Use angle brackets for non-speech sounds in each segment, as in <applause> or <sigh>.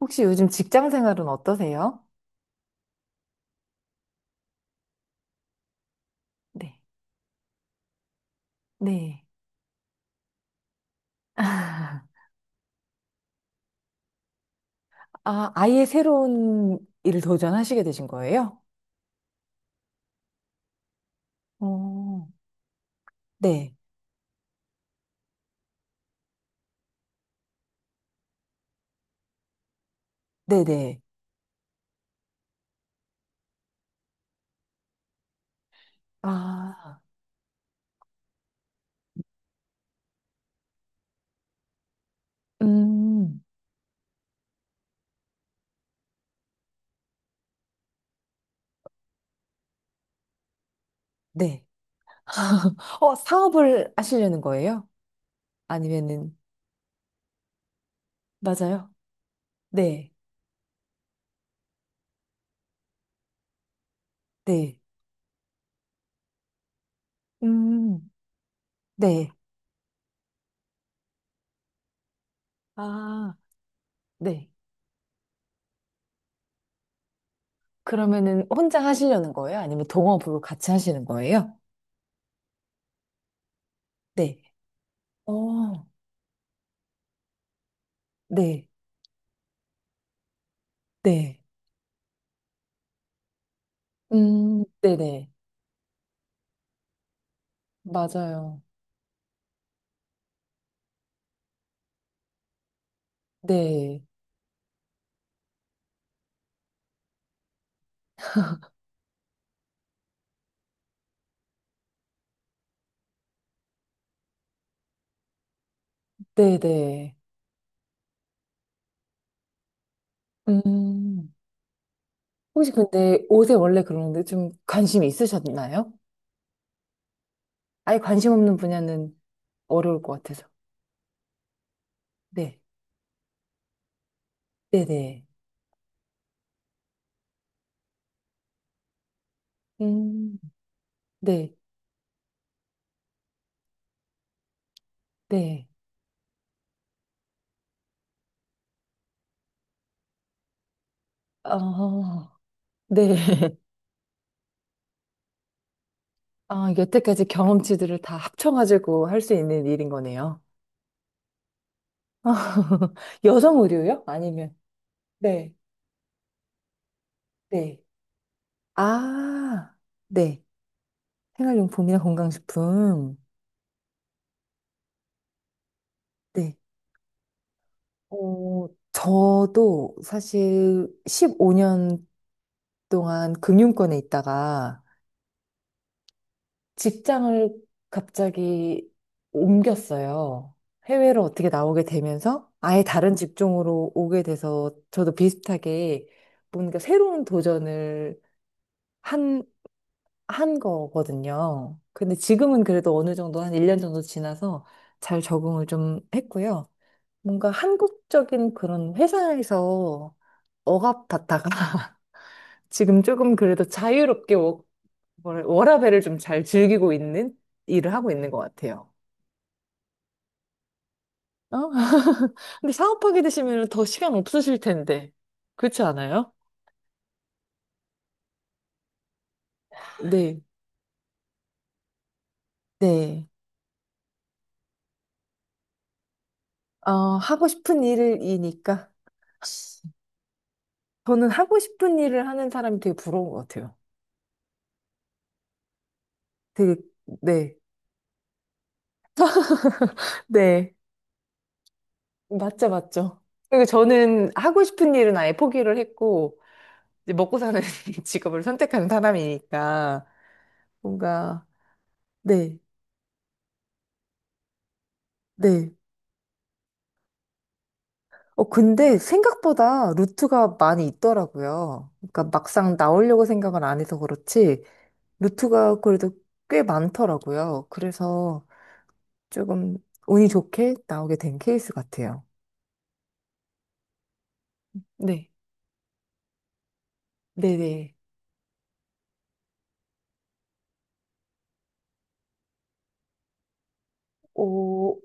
혹시 요즘 직장 생활은 어떠세요? 네. 네. <laughs> 아, 아예 새로운 일을 도전하시게 되신 거예요? 어, 네. 네네. 아, 음, 네. <laughs> 어, 사업을 하시려는 거예요? 아니면은, 맞아요? 네. 네. 음, 네. 아, 네. 그러면은 혼자 하시려는 거예요? 아니면 동업으로 같이 하시는 거예요? 네. 어, 네. 네. 네네. 맞아요. 네. 네네. 음. 혹시 근데 옷에 원래 그런데 좀 관심이 있으셨나요? 아예 관심 없는 분야는 어려울 것 같아서. 네. 네네. 음. 네. 네. 아, 네. <laughs> 아, 여태까지 경험치들을 다 합쳐가지고 할 수 있는 일인 거네요. <laughs> 여성 의류요? 아니면? 네. 네. 아, 네. 생활용품이나 건강식품. 네. 어, 저도 사실 15년 동안 금융권에 있다가 직장을 갑자기 옮겼어요. 해외로 어떻게 나오게 되면서 아예 다른 직종으로 오게 돼서 저도 비슷하게 뭔가 새로운 도전을 한, 한 거거든요. 근데 지금은 그래도 어느 정도 한 1년 정도 지나서 잘 적응을 좀 했고요. 뭔가 한국적인 그런 회사에서 억압받다가 지금 조금 그래도 자유롭게 워라밸을 좀 잘 즐기고 있는 일을 하고 있는 것 같아요. 어? <laughs> 근데 사업하게 되시면 더 시간 없으실 텐데. 그렇지 않아요? 네. 네. 어, 하고 싶은 일이니까 저는 하고 싶은 일을 하는 사람이 되게 부러운 것 같아요. 되게, 네. 네. 맞죠, 맞죠. 그리고 저는 하고 싶은 일은 아예 포기를 했고, 이제 먹고 사는 <laughs> 직업을 선택한 사람이니까, 뭔가, 네. 네. 어, 근데 생각보다 루트가 많이 있더라고요. 그러니까 막상 나오려고 생각을 안 해서 그렇지, 루트가 그래도 꽤 많더라고요. 그래서 조금 운이 좋게 나오게 된 케이스 같아요. 네. 네네. 오,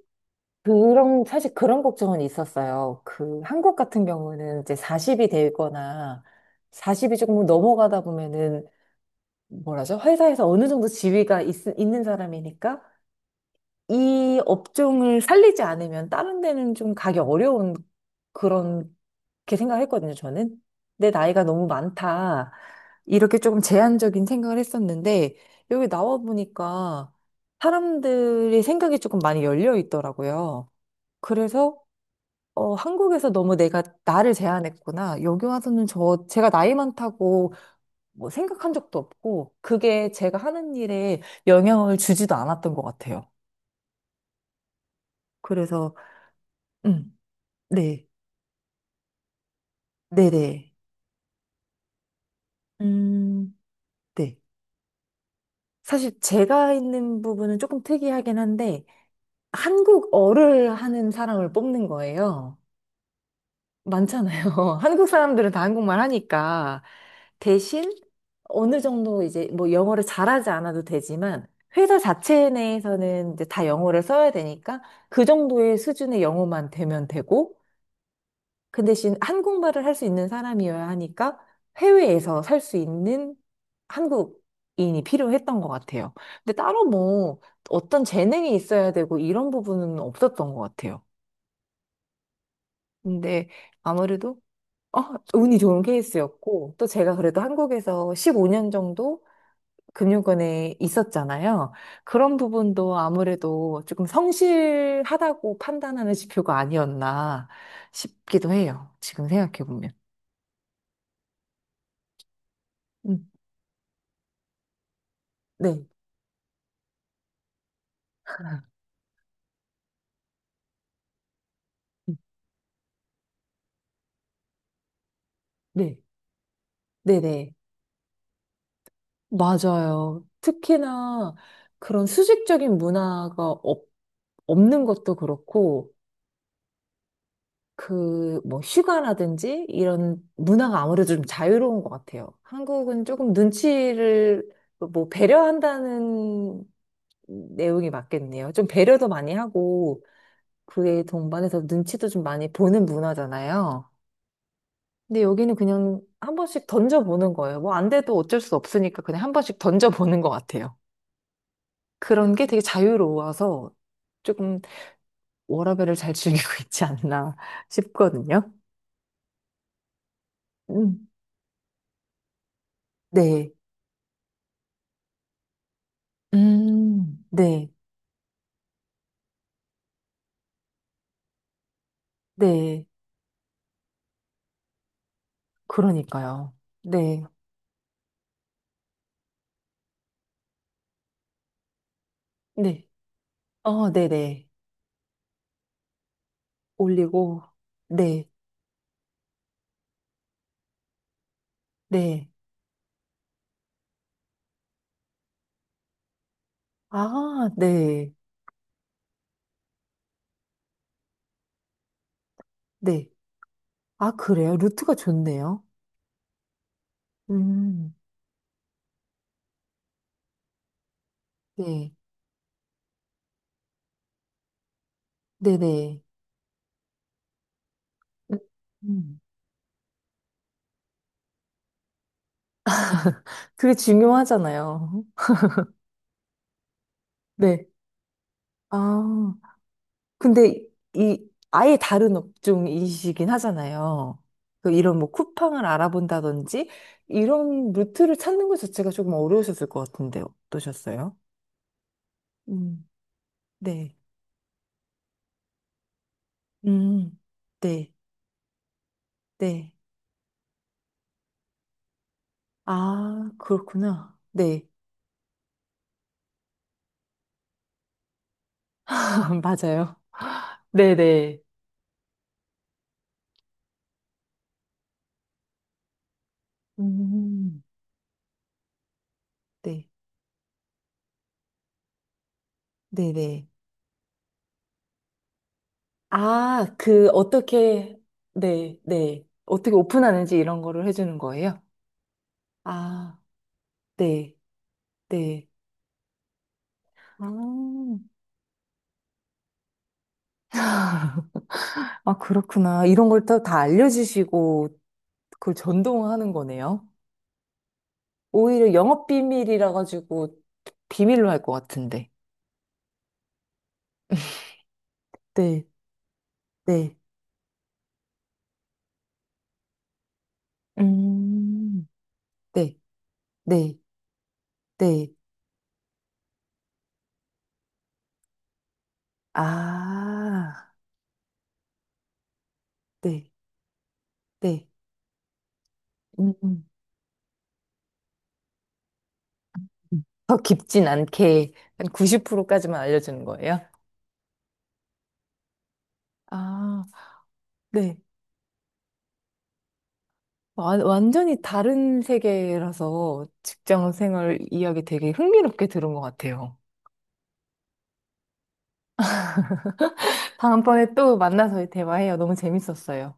그런, 사실 그런 걱정은 있었어요. 그, 한국 같은 경우는 이제 40이 되거나 40이 조금 넘어가다 보면은, 뭐라죠? 회사에서 어느 정도 지위가 있는 사람이니까 이 업종을 살리지 않으면 다른 데는 좀 가기 어려운 그런 게 생각했거든요, 저는. 내 나이가 너무 많다. 이렇게 조금 제한적인 생각을 했었는데, 여기 나와 보니까 사람들의 생각이 조금 많이 열려 있더라고요. 그래서, 어, 한국에서 너무 내가 나를 제한했구나. 여기 와서는 저, 제가 나이 많다고 뭐 생각한 적도 없고, 그게 제가 하는 일에 영향을 주지도 않았던 것 같아요. 그래서, 음. 네. 네네. 음, 네. 사실 제가 있는 부분은 조금 특이하긴 한데, 한국어를 하는 사람을 뽑는 거예요. 많잖아요. <laughs> 한국 사람들은 다 한국말 하니까. 대신 어느 정도 이제 뭐 영어를 잘하지 않아도 되지만, 회사 자체 내에서는 이제 다 영어를 써야 되니까, 그 정도의 수준의 영어만 되면 되고, 그 대신 한국말을 할 수 있는 사람이어야 하니까 해외에서 살 수 있는 한국인이 필요했던 것 같아요. 근데 따로 뭐 어떤 재능이 있어야 되고 이런 부분은 없었던 것 같아요. 근데 아무래도 어, 운이 좋은 케이스였고 또 제가 그래도 한국에서 15년 정도 금융권에 있었잖아요. 그런 부분도 아무래도 조금 성실하다고 판단하는 지표가 아니었나 싶기도 해요. 지금 생각해 보면. 음, 네. 네, 네네. 맞아요. 특히나 그런 수직적인 문화가 없는 것도 그렇고, 그, 뭐, 휴가라든지 이런 문화가 아무래도 좀 자유로운 것 같아요. 한국은 조금 눈치를 뭐, 배려한다는 내용이 맞겠네요. 좀 배려도 많이 하고, 그에 동반해서 눈치도 좀 많이 보는 문화잖아요. 근데 여기는 그냥 한 번씩 던져보는 거예요. 뭐, 안 돼도 어쩔 수 없으니까 그냥 한 번씩 던져보는 것 같아요. 그런 게 되게 자유로워서 조금 워라밸을 잘 즐기고 <laughs> 있지 않나 싶거든요. 음, 네. 네. 네. 그러니까요. 네. 네. 어, 네네. 올리고. 네. 네. 아, 네. 네. 아, 그래요? 루트가 좋네요. 음, 네. 네네. 음, 그게 중요하잖아요. 네. 아. 근데 이 아예 다른 업종이시긴 하잖아요. 그 이런 뭐 쿠팡을 알아본다든지 이런 루트를 찾는 것 자체가 조금 어려우셨을 것 같은데 어떠셨어요? 음, 네. 음, 네, 네. 아, 그렇구나. 네. <laughs> 맞아요. 네네. 음, 네, 네네. 아, 그, 어떻게, 네, 네. 어떻게 오픈하는지 이런 거를 해주는 거예요? 아, 네, 네. 아, <laughs> 아, 그렇구나. 이런 걸 또 다 알려주시고 그걸 전동하는 거네요. 오히려 영업 비밀이라 가지고 비밀로 할 것 같은데. 네, 네. 음, 네, 네, 네. 아, 네, 네. 음, 음. 더 깊진 않게 한 90%까지만 알려주는 거예요? 아, 네. 완전히 다른 세계라서 직장 생활 이야기 되게 흥미롭게 들은 것 같아요. 다음번에 또 만나서 대화해요. 너무 재밌었어요.